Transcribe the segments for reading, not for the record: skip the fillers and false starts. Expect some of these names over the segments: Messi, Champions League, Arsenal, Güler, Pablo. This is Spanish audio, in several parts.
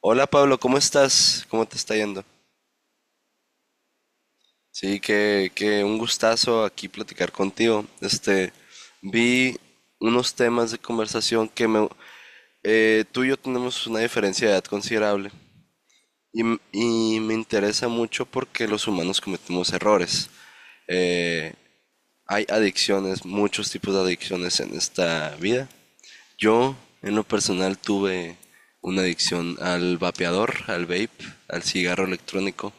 Hola Pablo, ¿cómo estás? ¿Cómo te está yendo? Sí, que un gustazo aquí platicar contigo. Vi unos temas de conversación que me. Tú y yo tenemos una diferencia de edad considerable y me interesa mucho porque los humanos cometemos errores. Eh, Hay adicciones, muchos tipos de adicciones en esta vida. Yo, en lo personal, tuve una adicción al vapeador, al vape, al cigarro electrónico.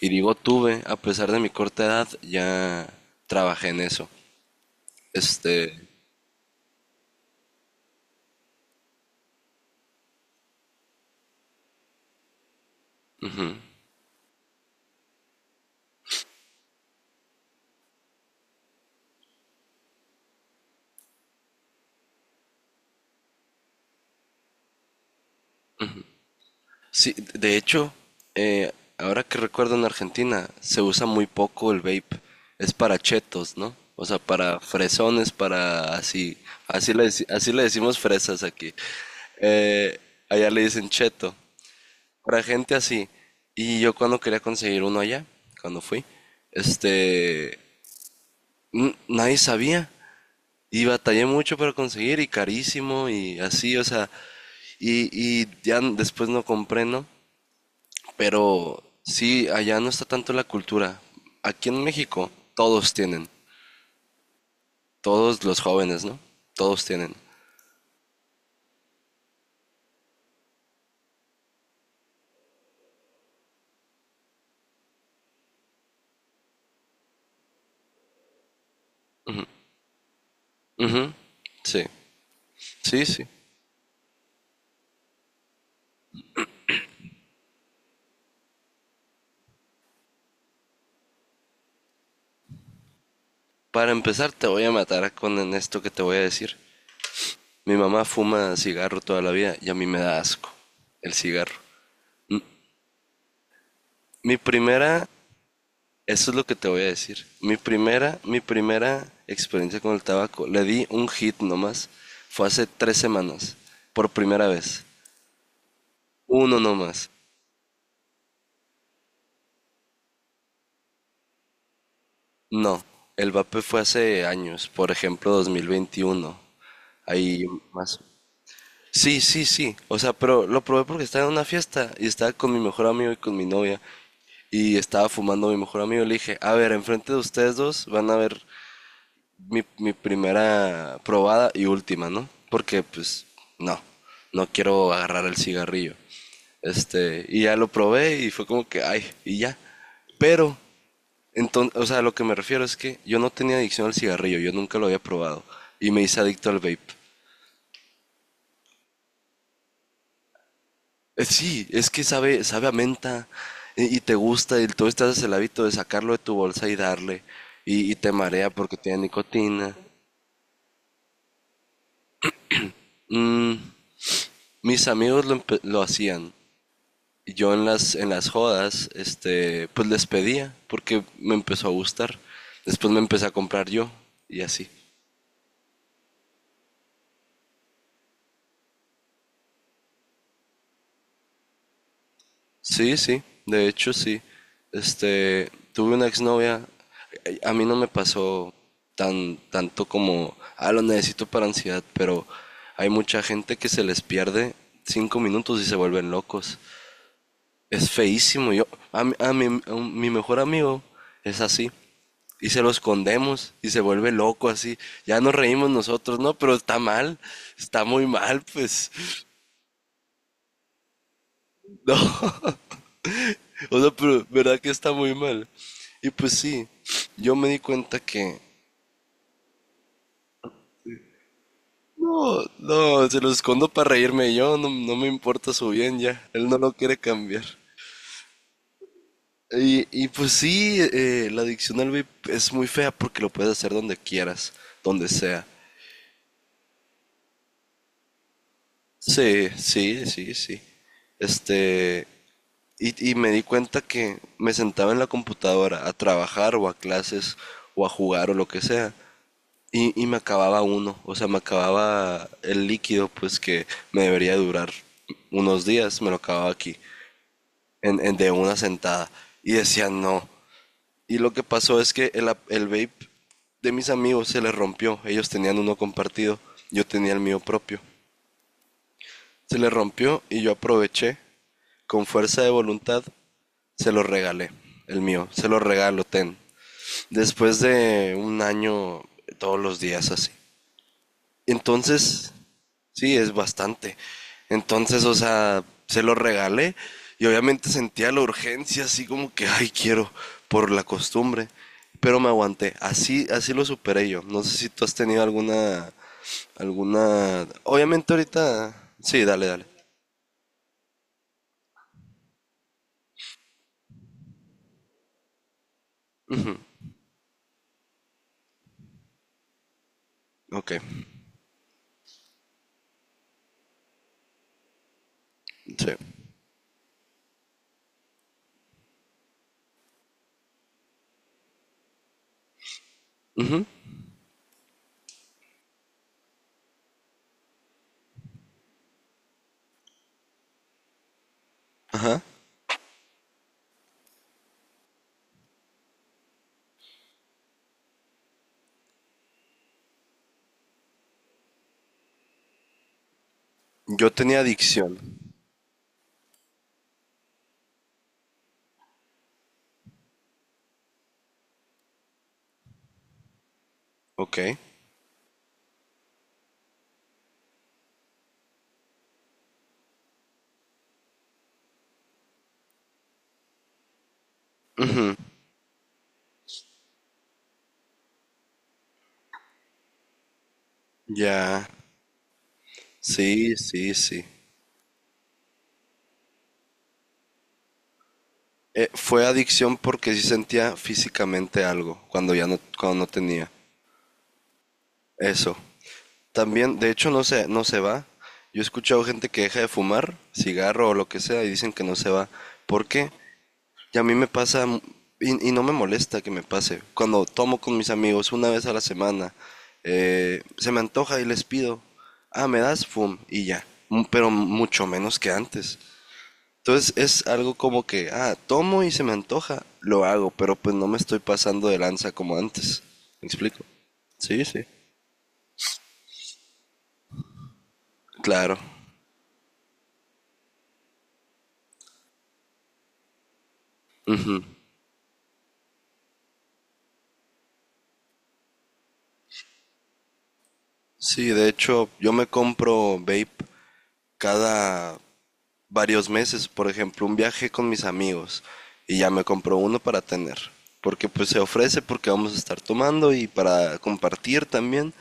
Y digo tuve, a pesar de mi corta edad, ya trabajé en eso. Este, sí, de hecho, eh, ahora que recuerdo, en Argentina se usa muy poco el vape. Es para chetos, ¿no? O sea, para fresones, para así, así le decimos fresas aquí. Eh, Allá le dicen cheto. Para gente así. Y yo cuando quería conseguir uno allá, cuando fui, este, nadie sabía. Y batallé mucho para conseguir y carísimo y así, o sea, y, y ya después no compré, ¿no? Pero sí, allá no está tanto la cultura. Aquí en México todos tienen, todos los jóvenes, ¿no? Todos tienen. Ujú. Sí, sí, sí. Para empezar te voy a matar con en esto que te voy a decir. Mi mamá fuma cigarro toda la vida y a mí me da asco el cigarro. Mi primera, Eso es lo que te voy a decir. Mi primera experiencia con el tabaco, le di un hit nomás. Fue hace 3 semanas, por primera vez. Uno nomás. No, el vape fue hace años, por ejemplo 2021. Ahí más. Sí, sí, sí. O sea, pero lo probé porque estaba en una fiesta y estaba con mi mejor amigo y con mi novia, y estaba fumando mi mejor amigo. Le dije, a ver, enfrente de ustedes dos van a ver mi primera probada y última, ¿no? Porque pues no, no quiero agarrar el cigarrillo. Y ya lo probé y fue como que, ay, y ya. Pero, entonces, o sea, lo que me refiero es que yo no tenía adicción al cigarrillo, yo nunca lo había probado. Y me hice adicto al vape. Sí, es que sabe a menta y te gusta y tú estás haces el hábito de sacarlo de tu bolsa y darle, y te marea porque tiene nicotina. Mm, Mis amigos lo hacían. Y yo en las jodas, pues les pedía porque me empezó a gustar. Después me empecé a comprar yo y así. Sí, sí, de hecho sí. Tuve una exnovia, a mí no me pasó tanto como, ah, lo necesito para ansiedad, pero hay mucha gente que se les pierde 5 minutos y se vuelven locos. Es feísimo. Yo, a, mi- a mi, a un- mi mejor amigo es así. Y se lo escondemos y se vuelve loco así. Ya nos reímos nosotros, ¿no? Pero está mal. Está muy mal, pues. No. O sea, pero verdad que está muy mal. Y pues sí, yo me di cuenta que no, no, se lo escondo para reírme yo, no, no me importa su bien ya, él no lo quiere cambiar. Y pues sí, la adicción al vape es muy fea porque lo puedes hacer donde quieras, donde sea. Sí, sí, sí, sí. Este, y me di cuenta que me sentaba en la computadora a trabajar o a clases o a jugar o lo que sea. Y me acababa uno, o sea, me acababa el líquido, pues que me debería durar unos días, me lo acababa aquí, de una sentada. Y decía no. Y lo que pasó es que el vape de mis amigos se les rompió. Ellos tenían uno compartido, yo tenía el mío propio. Se les rompió y yo aproveché, con fuerza de voluntad, se lo regalé, el mío, se lo regalo, ten. Después de un año, todos los días así. Entonces, sí, es bastante. Entonces, o sea, se lo regalé y obviamente sentía la urgencia, así como que, ay, quiero, por la costumbre. Pero me aguanté. Así lo superé yo. No sé si tú has tenido alguna. Obviamente ahorita. Sí, dale, dale. Ok. Sí. Ujú. Ajá. Yo tenía adicción. Ok. Ujú. Ya. Sí, sí, sí. Fue adicción porque sí sentía físicamente algo cuando ya no, cuando no tenía. Eso. También, de hecho, no se va. Yo he escuchado gente que deja de fumar, cigarro o lo que sea, y dicen que no se va. ¿Por qué? Y a mí me pasa, y no me molesta que me pase. Cuando tomo con mis amigos una vez a la semana, se me antoja y les pido, ah, me das fum, y ya. Pero mucho menos que antes. Entonces es algo como que, ah, tomo y se me antoja, lo hago, pero pues no me estoy pasando de lanza como antes. ¿Me explico? Sí, sí. Claro. Sí, de hecho, yo me compro vape cada varios meses, por ejemplo, un viaje con mis amigos y ya me compro uno para tener, porque pues se ofrece porque vamos a estar tomando y para compartir también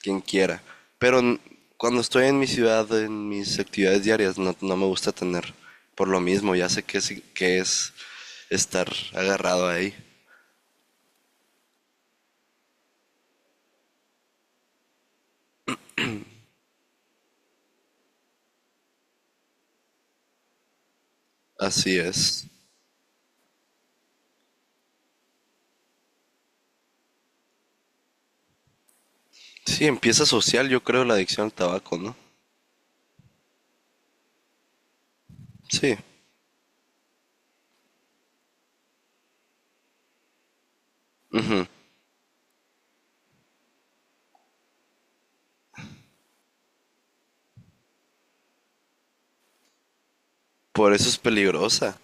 quien quiera. Pero cuando estoy en mi ciudad, en mis actividades diarias, no, no me gusta tener, por lo mismo, ya sé que que es estar agarrado ahí. Así es. Sí, empieza social, yo creo, la adicción al tabaco, ¿no? Sí. Ujú. Por eso es peligrosa.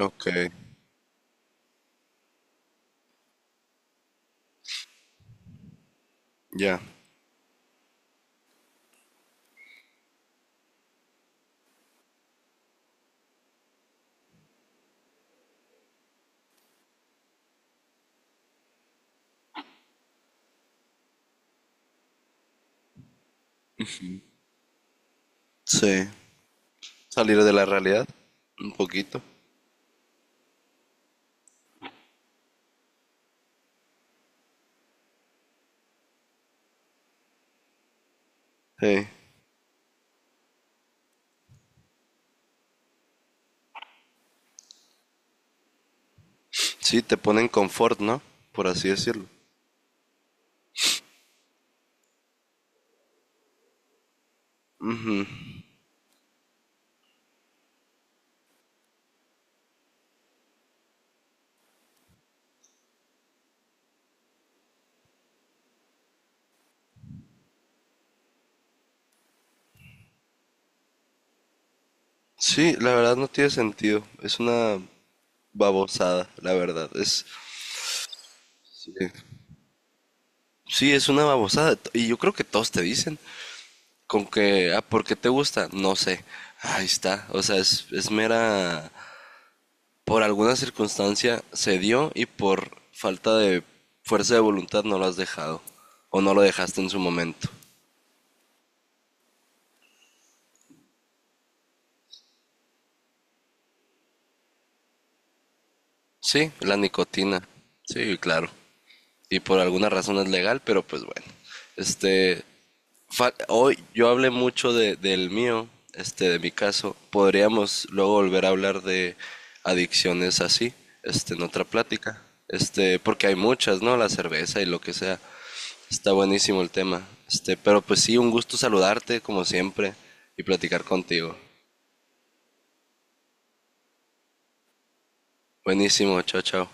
Ok, ya. Sí. Salir de la realidad. Un poquito. Sí. Sí, te ponen confort, ¿no? Por así decirlo. Sí, la verdad no tiene sentido. Es una babosada, la verdad. Es. Sí. Sí, es una babosada. Y yo creo que todos te dicen. Con que, ah, ¿por qué te gusta? No sé. Ahí está. O sea, es mera. Por alguna circunstancia se dio y por falta de fuerza de voluntad no lo has dejado o no lo dejaste en su momento. Sí, la nicotina. Sí, claro. Y por alguna razón es legal, pero pues bueno. Este, Hoy yo hablé mucho del mío, de mi caso. Podríamos luego volver a hablar de adicciones así, en otra plática. Porque hay muchas, ¿no? La cerveza y lo que sea. Está buenísimo el tema. Pero pues sí, un gusto saludarte como siempre y platicar contigo. Buenísimo, chao, chao.